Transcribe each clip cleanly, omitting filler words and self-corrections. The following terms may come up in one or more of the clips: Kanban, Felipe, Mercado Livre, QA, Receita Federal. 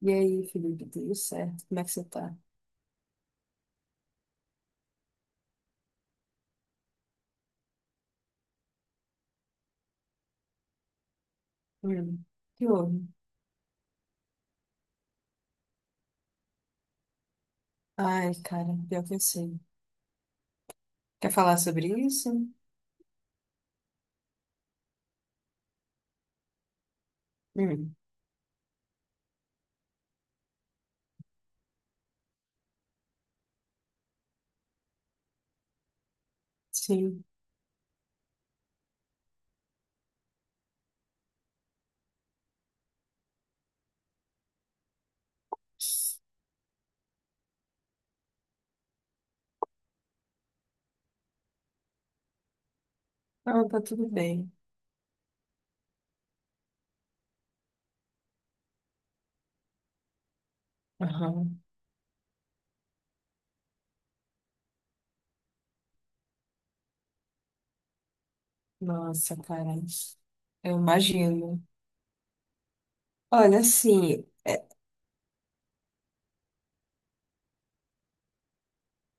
E aí, Felipe, tudo certo? Como é que você tá? Hum, que houve? Ai, cara, pior que eu sei. Quer falar sobre isso? Hum, sim. Não, tá tudo bem. Aham. Nossa, cara, eu imagino. Olha, assim, é-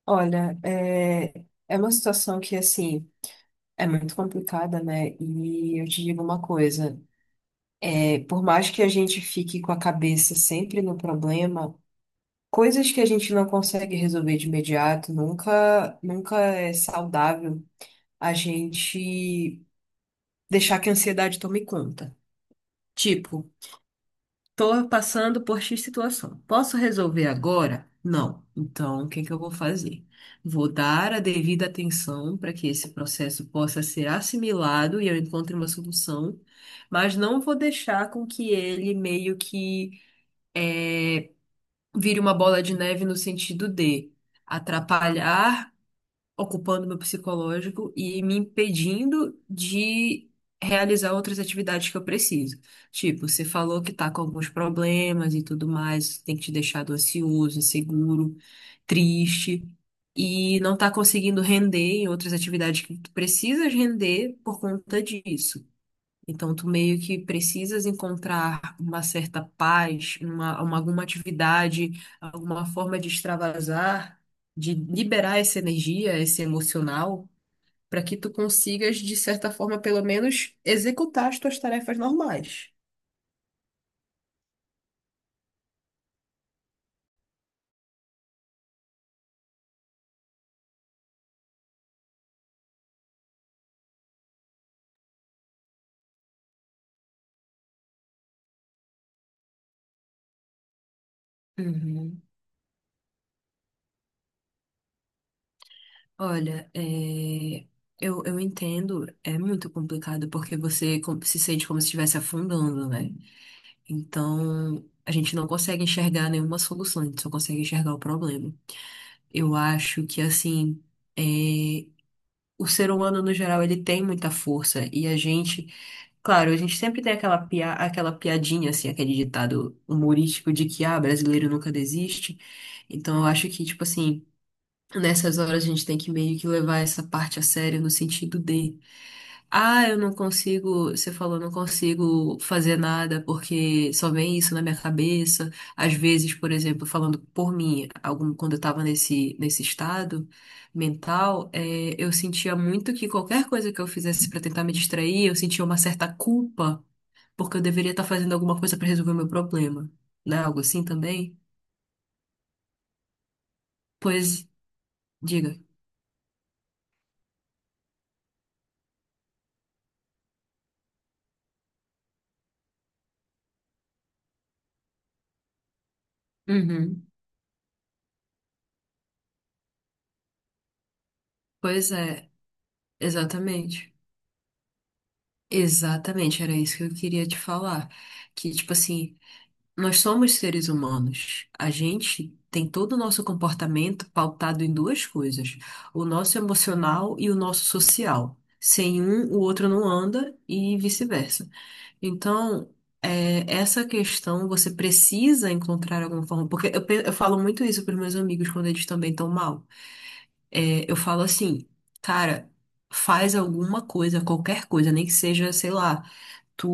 olha, é uma situação que, assim, é muito complicada, né? E eu te digo uma coisa, por mais que a gente fique com a cabeça sempre no problema, coisas que a gente não consegue resolver de imediato, nunca, nunca é saudável a gente deixar que a ansiedade tome conta. Tipo, tô passando por X situação. Posso resolver agora? Não. Então, o que que eu vou fazer? Vou dar a devida atenção para que esse processo possa ser assimilado e eu encontre uma solução, mas não vou deixar com que ele meio que eh, vire uma bola de neve no sentido de atrapalhar, ocupando meu psicológico e me impedindo de realizar outras atividades que eu preciso. Tipo, você falou que tá com alguns problemas e tudo mais, tem que te deixado ansioso, inseguro, triste. E não tá conseguindo render em outras atividades que tu precisas render por conta disso. Então, tu meio que precisas encontrar uma certa paz, alguma atividade, alguma forma de extravasar, de liberar essa energia, esse emocional, para que tu consigas, de certa forma, pelo menos, executar as tuas tarefas normais. Uhum. Olha, é, eu entendo, é muito complicado porque você se sente como se estivesse afundando, né? Então, a gente não consegue enxergar nenhuma solução, a gente só consegue enxergar o problema. Eu acho que assim, é, o ser humano no geral ele tem muita força e a gente, claro, a gente sempre tem aquela piadinha assim, aquele ditado humorístico de que ah, brasileiro nunca desiste. Então eu acho que tipo assim, nessas horas a gente tem que meio que levar essa parte a sério no sentido de, ah, eu não consigo, você falou, não consigo fazer nada porque só vem isso na minha cabeça. Às vezes, por exemplo, falando por mim, quando eu tava nesse estado mental, eu sentia muito que qualquer coisa que eu fizesse pra tentar me distrair, eu sentia uma certa culpa porque eu deveria estar fazendo alguma coisa pra resolver o meu problema. Não é algo assim também? Pois, diga. Uhum. Pois é. Exatamente. Exatamente, era isso que eu queria te falar. Que, tipo assim, nós somos seres humanos. A gente tem todo o nosso comportamento pautado em duas coisas: o nosso emocional e o nosso social. Sem um, o outro não anda e vice-versa. Então, é, essa questão você precisa encontrar alguma forma. Porque eu falo muito isso para meus amigos quando eles também estão mal. É, eu falo assim, cara, faz alguma coisa, qualquer coisa, nem que seja, sei lá. Tu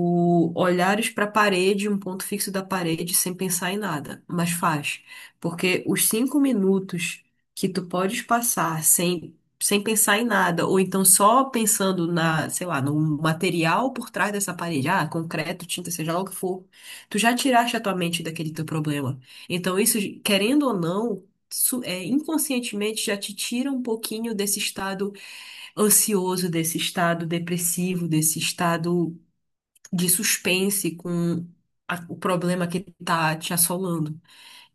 olhares para a parede, um ponto fixo da parede, sem pensar em nada, mas faz. Porque os cinco minutos que tu podes passar sem pensar em nada, ou então só pensando na, sei lá, no material por trás dessa parede, ah, concreto, tinta, seja lá o que for, tu já tiraste a tua mente daquele teu problema. Então, isso, querendo ou não, é, inconscientemente já te tira um pouquinho desse estado ansioso, desse estado depressivo, desse estado de suspense com o problema que tá te assolando.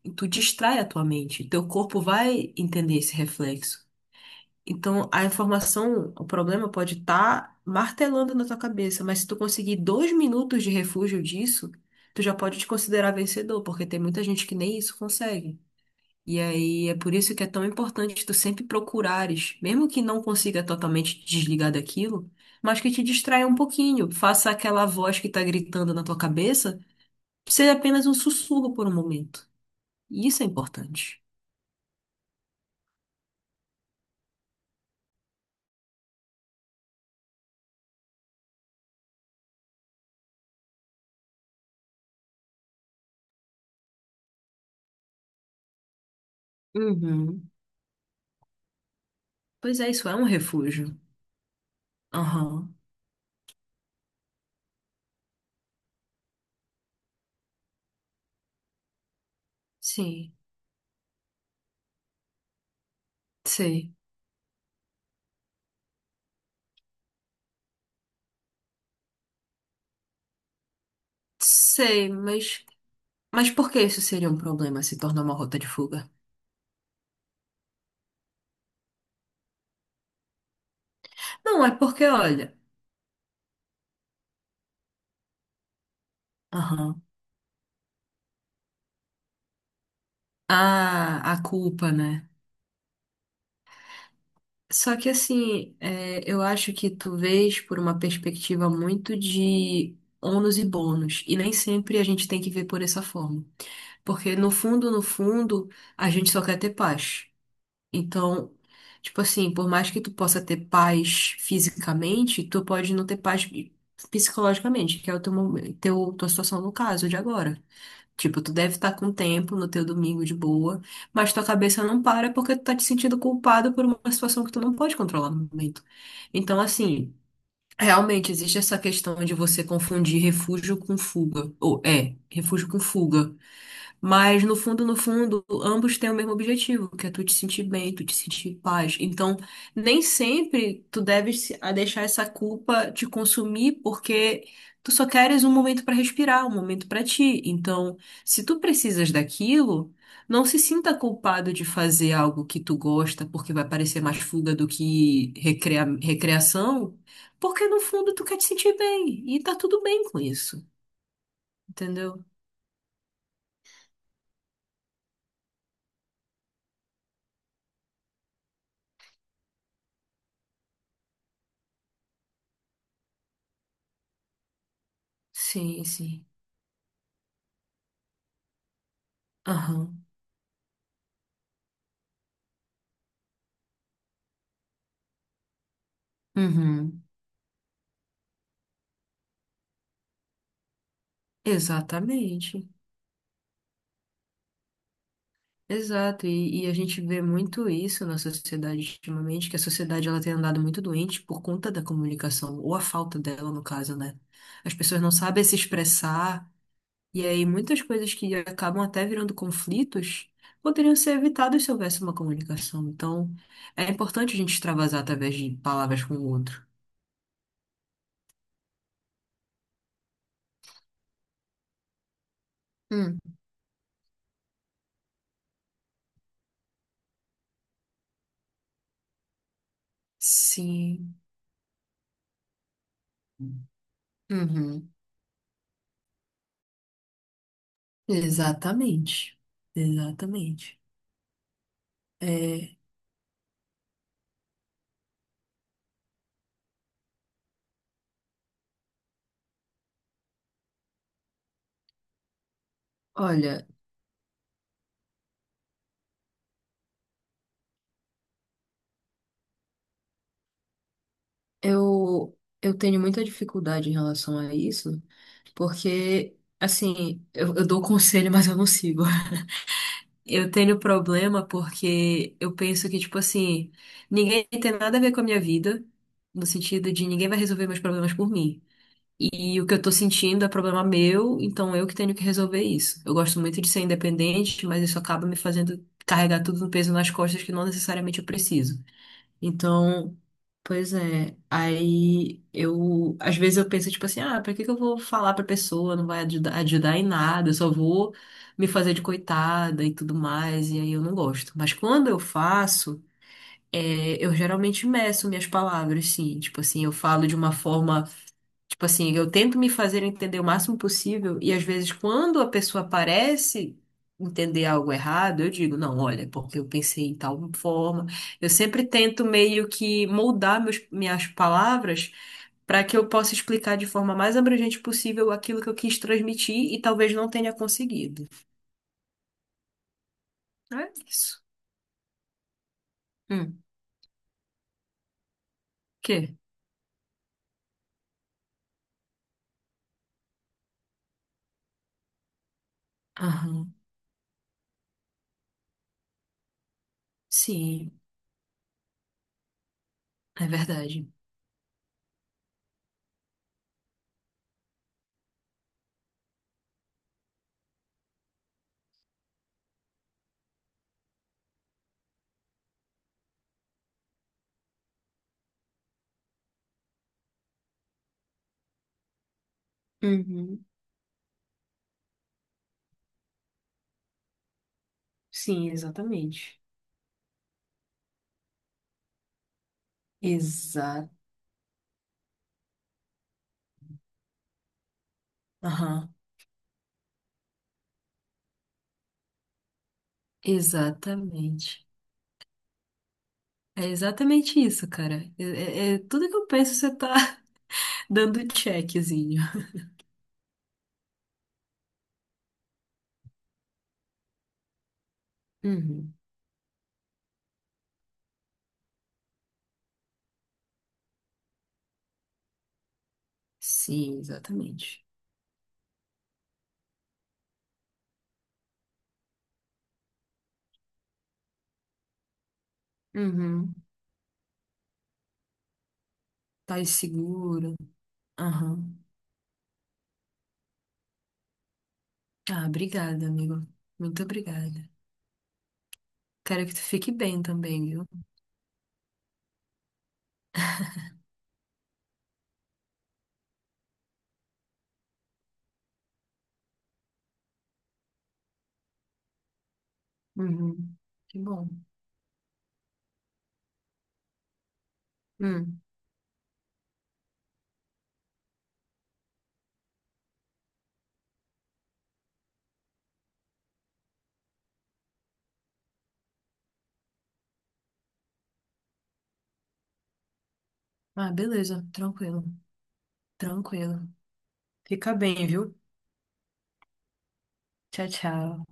E tu distrai a tua mente, teu corpo vai entender esse reflexo. Então, a informação, o problema pode estar martelando na tua cabeça, mas se tu conseguir dois minutos de refúgio disso, tu já pode te considerar vencedor, porque tem muita gente que nem isso consegue. E aí é por isso que é tão importante tu sempre procurares, mesmo que não consiga totalmente te desligar daquilo, mas que te distraia um pouquinho, faça aquela voz que tá gritando na tua cabeça ser apenas um sussurro por um momento. E isso é importante. Uhum. Pois é, isso é um refúgio. Aham. Sim, sei. Sei, mas. Mas por que isso seria um problema se tornar uma rota de fuga? Não, é porque, olha. Aham. Ah, a culpa, né? Só que assim, é, eu acho que tu vês por uma perspectiva muito de ônus e bônus, e nem sempre a gente tem que ver por essa forma. Porque no fundo, no fundo, a gente só quer ter paz. Então, tipo assim, por mais que tu possa ter paz fisicamente, tu pode não ter paz psicologicamente, que é o teu, tua situação no caso de agora. Tipo, tu deve estar com tempo no teu domingo de boa, mas tua cabeça não para porque tu tá te sentindo culpado por uma situação que tu não pode controlar no momento. Então, assim, realmente existe essa questão de você confundir refúgio com fuga. Ou é, refúgio com fuga. Mas no fundo, no fundo, ambos têm o mesmo objetivo, que é tu te sentir bem, tu te sentir em paz. Então, nem sempre tu deves se- a deixar essa culpa te consumir, porque tu só queres um momento para respirar, um momento para ti. Então, se tu precisas daquilo, não se sinta culpado de fazer algo que tu gosta, porque vai parecer mais fuga do que recreação, porque no fundo tu quer te sentir bem, e tá tudo bem com isso, entendeu? Sim, sim. Aham. Uhum, exatamente, exato, e a gente vê muito isso na sociedade ultimamente, que a sociedade ela tem andado muito doente por conta da comunicação, ou a falta dela no caso, né? As pessoas não sabem se expressar, e aí muitas coisas que acabam até virando conflitos poderiam ser evitadas se houvesse uma comunicação, então é importante a gente extravasar através de palavras com o outro. Hum, sim. Uhum. Exatamente. Exatamente. É, olha, eu, eu tenho muita dificuldade em relação a isso, porque, assim, eu dou conselho, mas eu não sigo. Eu tenho problema porque eu penso que, tipo assim, ninguém tem nada a ver com a minha vida, no sentido de ninguém vai resolver meus problemas por mim. E o que eu tô sentindo é problema meu, então eu que tenho que resolver isso. Eu gosto muito de ser independente, mas isso acaba me fazendo carregar tudo no peso nas costas que não necessariamente eu preciso. Então, pois é, aí eu, às vezes eu penso, tipo assim, ah, pra que que eu vou falar pra pessoa, não vai ajudar em nada, eu só vou me fazer de coitada e tudo mais, e aí eu não gosto. Mas quando eu faço, é, eu geralmente meço minhas palavras, sim, tipo assim, eu falo de uma forma. Tipo assim, eu tento me fazer entender o máximo possível e às vezes quando a pessoa parece entender algo errado, eu digo, não, olha, porque eu pensei em tal forma. Eu sempre tento meio que moldar minhas palavras para que eu possa explicar de forma mais abrangente possível aquilo que eu quis transmitir e talvez não tenha conseguido. É isso. Hum. Quê? Aham. Sim, é verdade. Uhum. Sim, exatamente. Exato. Aham. Exatamente. É exatamente isso, cara. É tudo que eu penso, você tá dando checkzinho. Uhum. Sim, exatamente. Uhum. Tá seguro. Aham. Ah, obrigada, amigo. Muito obrigada. Quero que tu fique bem também, viu? Uhum. Que bom. Hum. Ah, beleza. Tranquilo. Tranquilo. Fica bem, viu? Tchau, tchau.